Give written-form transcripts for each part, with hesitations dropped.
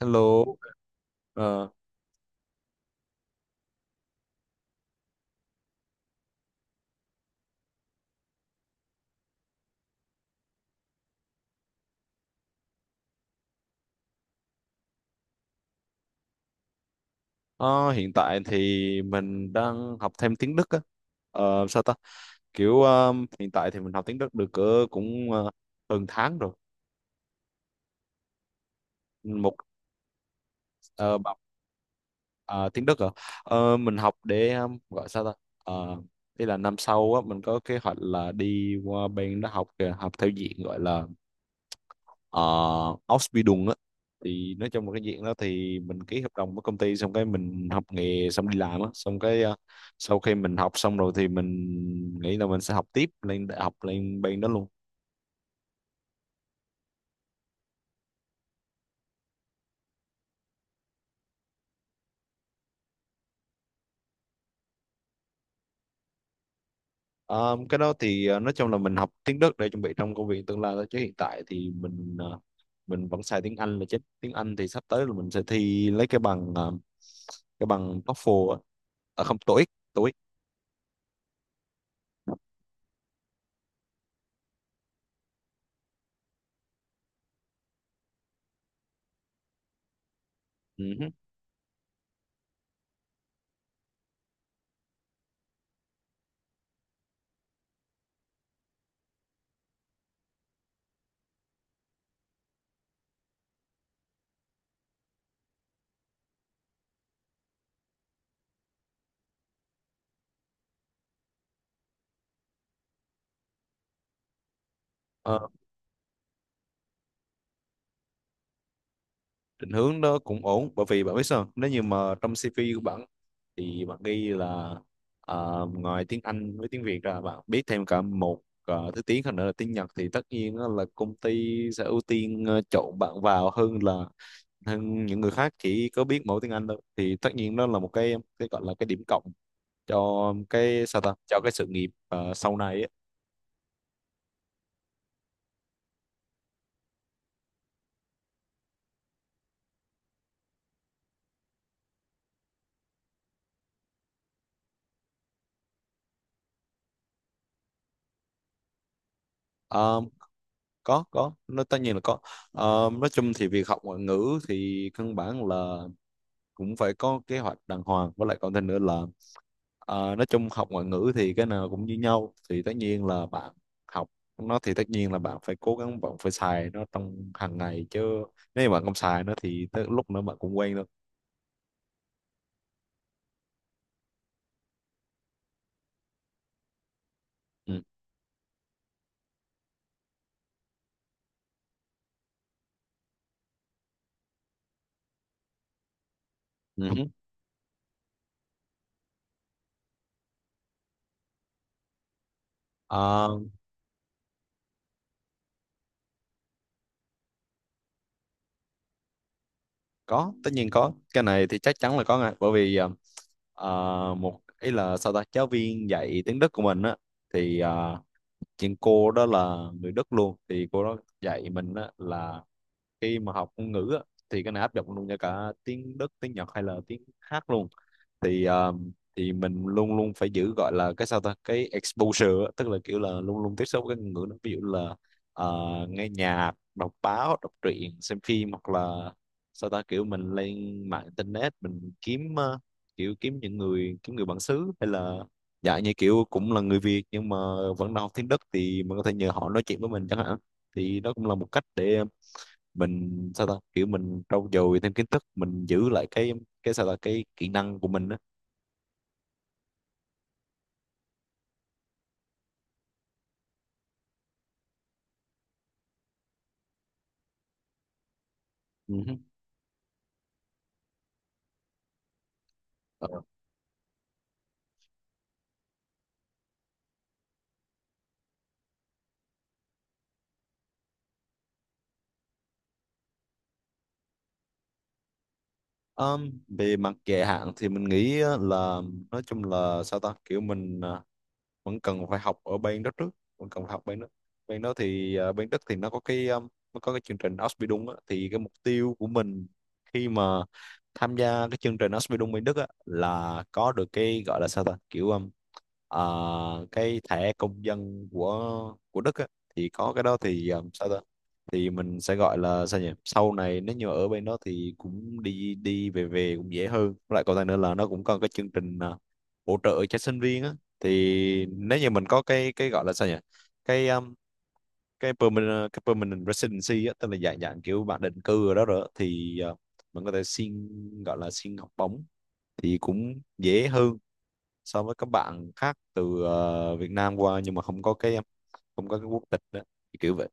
Hello, ờ, ờ, hiện tại thì mình đang học thêm tiếng Đức á. Sao ta? Kiểu hiện tại thì mình học tiếng Đức được cỡ cũng hơn tháng rồi. Một ờ, bằng- ờ, Tiếng Đức rồi. Mình học để gọi sao ta? Ờ, Ý là năm sau á mình có kế hoạch là đi qua bên đó học theo diện gọi là Ausbildung á, thì nói chung là cái diện đó thì mình ký hợp đồng với công ty xong cái mình học nghề xong đi làm á, xong cái sau khi mình học xong rồi thì mình nghĩ là mình sẽ học tiếp lên đại học lên bên đó luôn. Ờ, cái đó thì nói chung là mình học tiếng Đức để chuẩn bị trong công việc tương lai thôi, chứ hiện tại thì mình vẫn xài tiếng Anh là chính. Tiếng Anh thì sắp tới là mình sẽ thi lấy cái bằng TOEFL á. À, không, TOEIC. TOEIC. Ừ. Định hướng đó cũng ổn, bởi vì bạn biết sao, nếu như mà trong CV của bạn thì bạn ghi là ngoài tiếng Anh với tiếng Việt ra bạn biết thêm cả một thứ tiếng khác nữa là tiếng Nhật thì tất nhiên á là công ty sẽ ưu tiên chọn bạn vào hơn là hơn những người khác chỉ có biết mỗi tiếng Anh thôi, thì tất nhiên đó là một cái gọi là cái điểm cộng cho cái sao ta, cho cái sự nghiệp sau này á. Ờ, có nó tất nhiên là có. Nói chung thì việc học ngoại ngữ thì căn bản là cũng phải có kế hoạch đàng hoàng, với lại còn thêm nữa là nói chung học ngoại ngữ thì cái nào cũng như nhau, thì tất nhiên là bạn học nó thì tất nhiên là bạn phải cố gắng, bạn phải xài nó trong hàng ngày, chứ nếu mà bạn không xài nó thì tới lúc nữa bạn cũng quen thôi. Ừ. Ừ. À, có tất nhiên có, cái này thì chắc chắn là có ngay, bởi vì à, một ý là sao ta, giáo viên dạy tiếng Đức của mình á, thì chuyện cô đó là người Đức luôn, thì cô đó dạy mình á là khi mà học ngôn ngữ á, thì cái này áp dụng luôn cho cả tiếng Đức tiếng Nhật hay là tiếng hát luôn, thì mình luôn luôn phải giữ gọi là cái sao ta, cái exposure á, tức là kiểu là luôn luôn tiếp xúc với ngôn ngữ đó. Ví dụ là ờ, nghe nhạc, đọc báo, đọc truyện, xem phim, hoặc là sao ta, kiểu mình lên mạng internet mình kiếm kiểu kiếm những người, kiếm người bản xứ hay là dạ như kiểu cũng là người Việt nhưng mà vẫn đang học tiếng Đức thì mình có thể nhờ họ nói chuyện với mình chẳng hạn. Thì đó cũng là một cách để mình sao ta, kiểu mình trau dồi thêm kiến thức, mình giữ lại cái sao ta, cái kỹ năng của mình đó. Ừ. Ờ. Ờ, Về mặt dài hạn thì mình nghĩ á là nói chung là sao ta, kiểu mình vẫn cần phải học ở bên đó trước, vẫn cần phải học bên đó. Bên đó thì bên Đức thì nó có cái chương trình Ausbildung á, thì cái mục tiêu của mình khi mà tham gia cái chương trình Ausbildung bên Đức á là có được cái gọi là sao ta, kiểu à, cái thẻ công dân của Đức á, thì có cái đó thì sao ta, thì mình sẽ gọi là sao nhỉ, sau này nếu như ở bên đó thì cũng đi đi về về cũng dễ hơn. Với lại còn lại nữa là nó cũng có cái chương trình hỗ trợ cho sinh viên á, thì nếu như mình có cái gọi là sao nhỉ, cái um, cái cái permanent residency á, tức là dạng dạng kiểu bạn định cư ở đó rồi á, thì mình có thể xin gọi là xin học bổng thì cũng dễ hơn so với các bạn khác từ Việt Nam qua nhưng mà không có cái quốc tịch đó, thì kiểu vậy.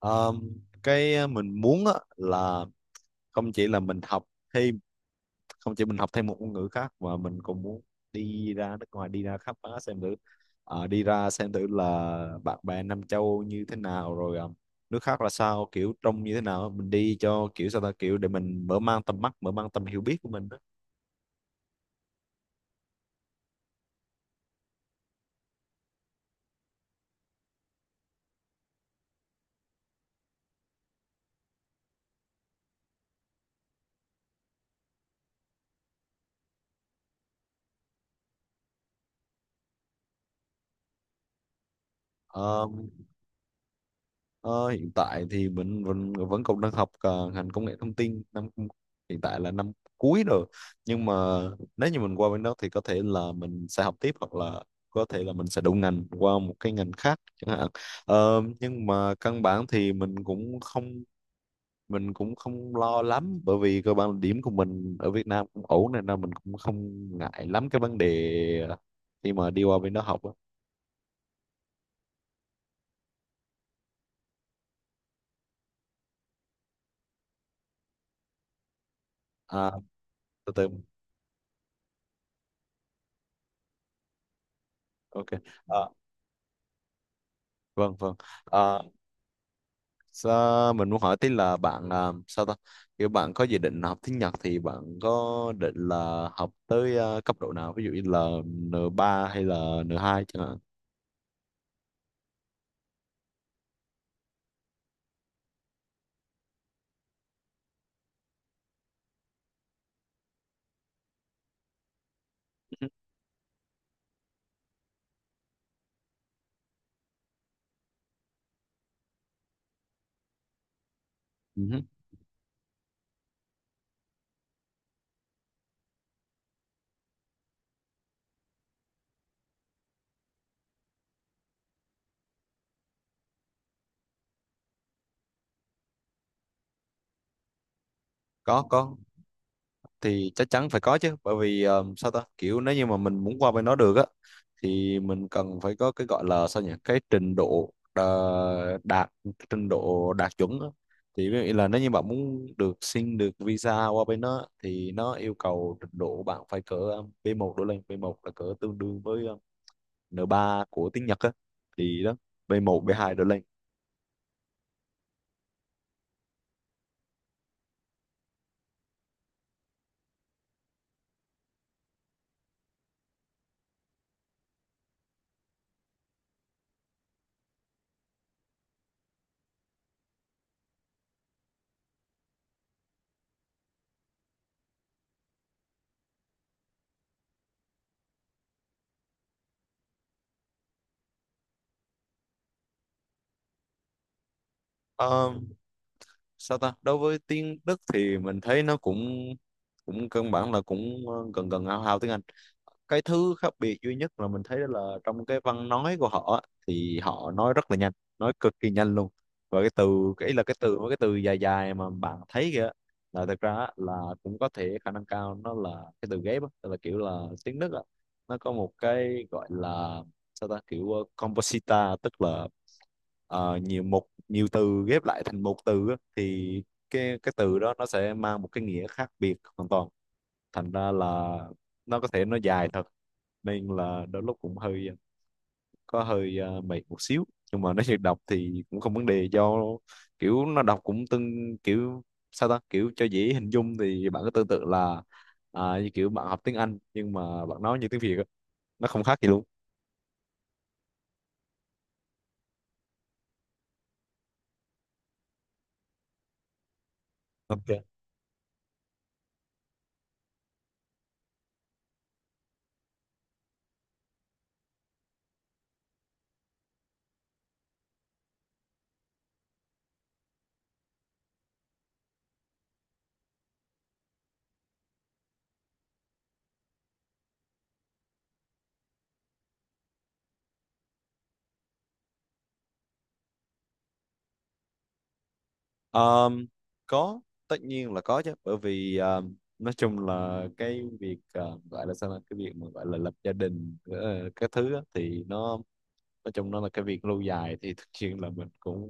um, cái mình muốn á, là không chỉ là mình học thêm không chỉ mình học thêm một ngôn ngữ khác mà mình cũng muốn đi ra nước ngoài đi ra khám phá xem thử. Đi ra xem thử là bạn bè Nam Châu như thế nào, rồi nước khác là sao, kiểu trông như thế nào, mình đi cho kiểu sao ta, kiểu để mình mở mang tầm mắt mở mang tầm hiểu biết của mình đó. Ờ, Ờ, Hiện tại thì mình vẫn vẫn còn đang học ngành công nghệ thông tin năm, hiện tại là năm cuối rồi, nhưng mà nếu như mình qua bên đó thì có thể là mình sẽ học tiếp hoặc là có thể là mình sẽ đổi ngành qua một cái ngành khác chẳng hạn. Nhưng mà căn bản thì mình cũng không lo lắm, bởi vì cơ bản là điểm của mình ở Việt Nam cũng ổn nên là mình cũng không ngại lắm cái vấn đề khi mà đi qua bên đó học á. à, Từ từ. Ok. Ờ, vâng vâng. Ờ, mình muốn hỏi tí là bạn à, sao ta kiểu bạn có dự định học tiếng Nhật thì bạn có định là học tới cấp độ nào, ví dụ như là N3 hay là N2 chẳng hạn. Ừ. Có, thì chắc chắn phải có chứ, bởi vì sao ta, kiểu nếu như mà mình muốn qua bên đó được á thì mình cần phải có cái gọi là sao nhỉ, cái trình độ đạt chuẩn á. Thì ví dụ như là nếu như bạn muốn được xin được visa qua bên đó thì nó yêu cầu trình độ bạn phải cỡ B1 đổ lên. B1 là cỡ tương đương với N3 của tiếng Nhật á, thì đó, B1 B2 đổ lên. Ờ, Sao ta, đối với tiếng Đức thì mình thấy nó cũng cũng căn bản là cũng gần gần hao hao tiếng Anh. Cái thứ khác biệt duy nhất là mình thấy đó là trong cái văn nói của họ á, thì họ nói rất là nhanh, nói cực kỳ nhanh luôn, và cái ý là cái từ mấy cái từ dài dài mà bạn thấy kìa là thực ra á, là cũng có thể khả năng cao nó là cái từ ghép á, tức là kiểu là tiếng Đức á nó có một cái gọi là sao ta, kiểu composita, tức là nhiều mục nhiều từ ghép lại thành một từ á, thì cái từ đó nó sẽ mang một cái nghĩa khác biệt hoàn toàn, thành ra là nó có thể nó dài thật, nên là đôi lúc cũng hơi có hơi mệt một xíu, nhưng mà nói thiệt đọc thì cũng không vấn đề, do kiểu nó đọc cũng kiểu sao ta, kiểu cho dễ hình dung thì bạn cứ tương tự là như kiểu bạn học tiếng Anh nhưng mà bạn nói như tiếng Việt á, nó không khác gì luôn. Ok. Ờm, có tất nhiên là có chứ, bởi vì nói chung là cái việc gọi là sao, là cái việc mà gọi là lập gia đình các thứ á, thì nó nói chung nó là cái việc lâu dài, thì thực sự là mình cũng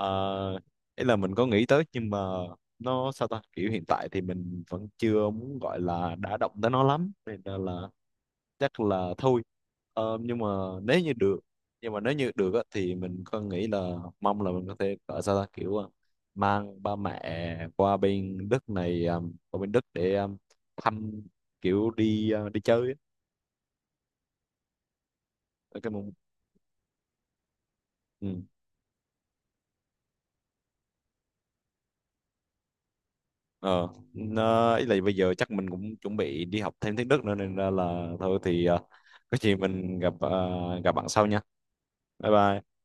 uh, ý là mình có nghĩ tới, nhưng mà nó sao ta, kiểu hiện tại thì mình vẫn chưa muốn gọi là đã động tới nó lắm nên là chắc là thôi. Nhưng mà nếu như được nếu như được á, thì mình có nghĩ là mong là mình có thể ở sao ta kiểu ờ, mang ba mẹ qua bên Đức để thăm, kiểu đi chơi á. Ở cái mong ừ. ờ nó ý là bây giờ chắc mình cũng chuẩn bị đi học thêm tiếng Đức nữa, nên ra là thôi thì có gì mình gặp bạn sau nha, bye bye.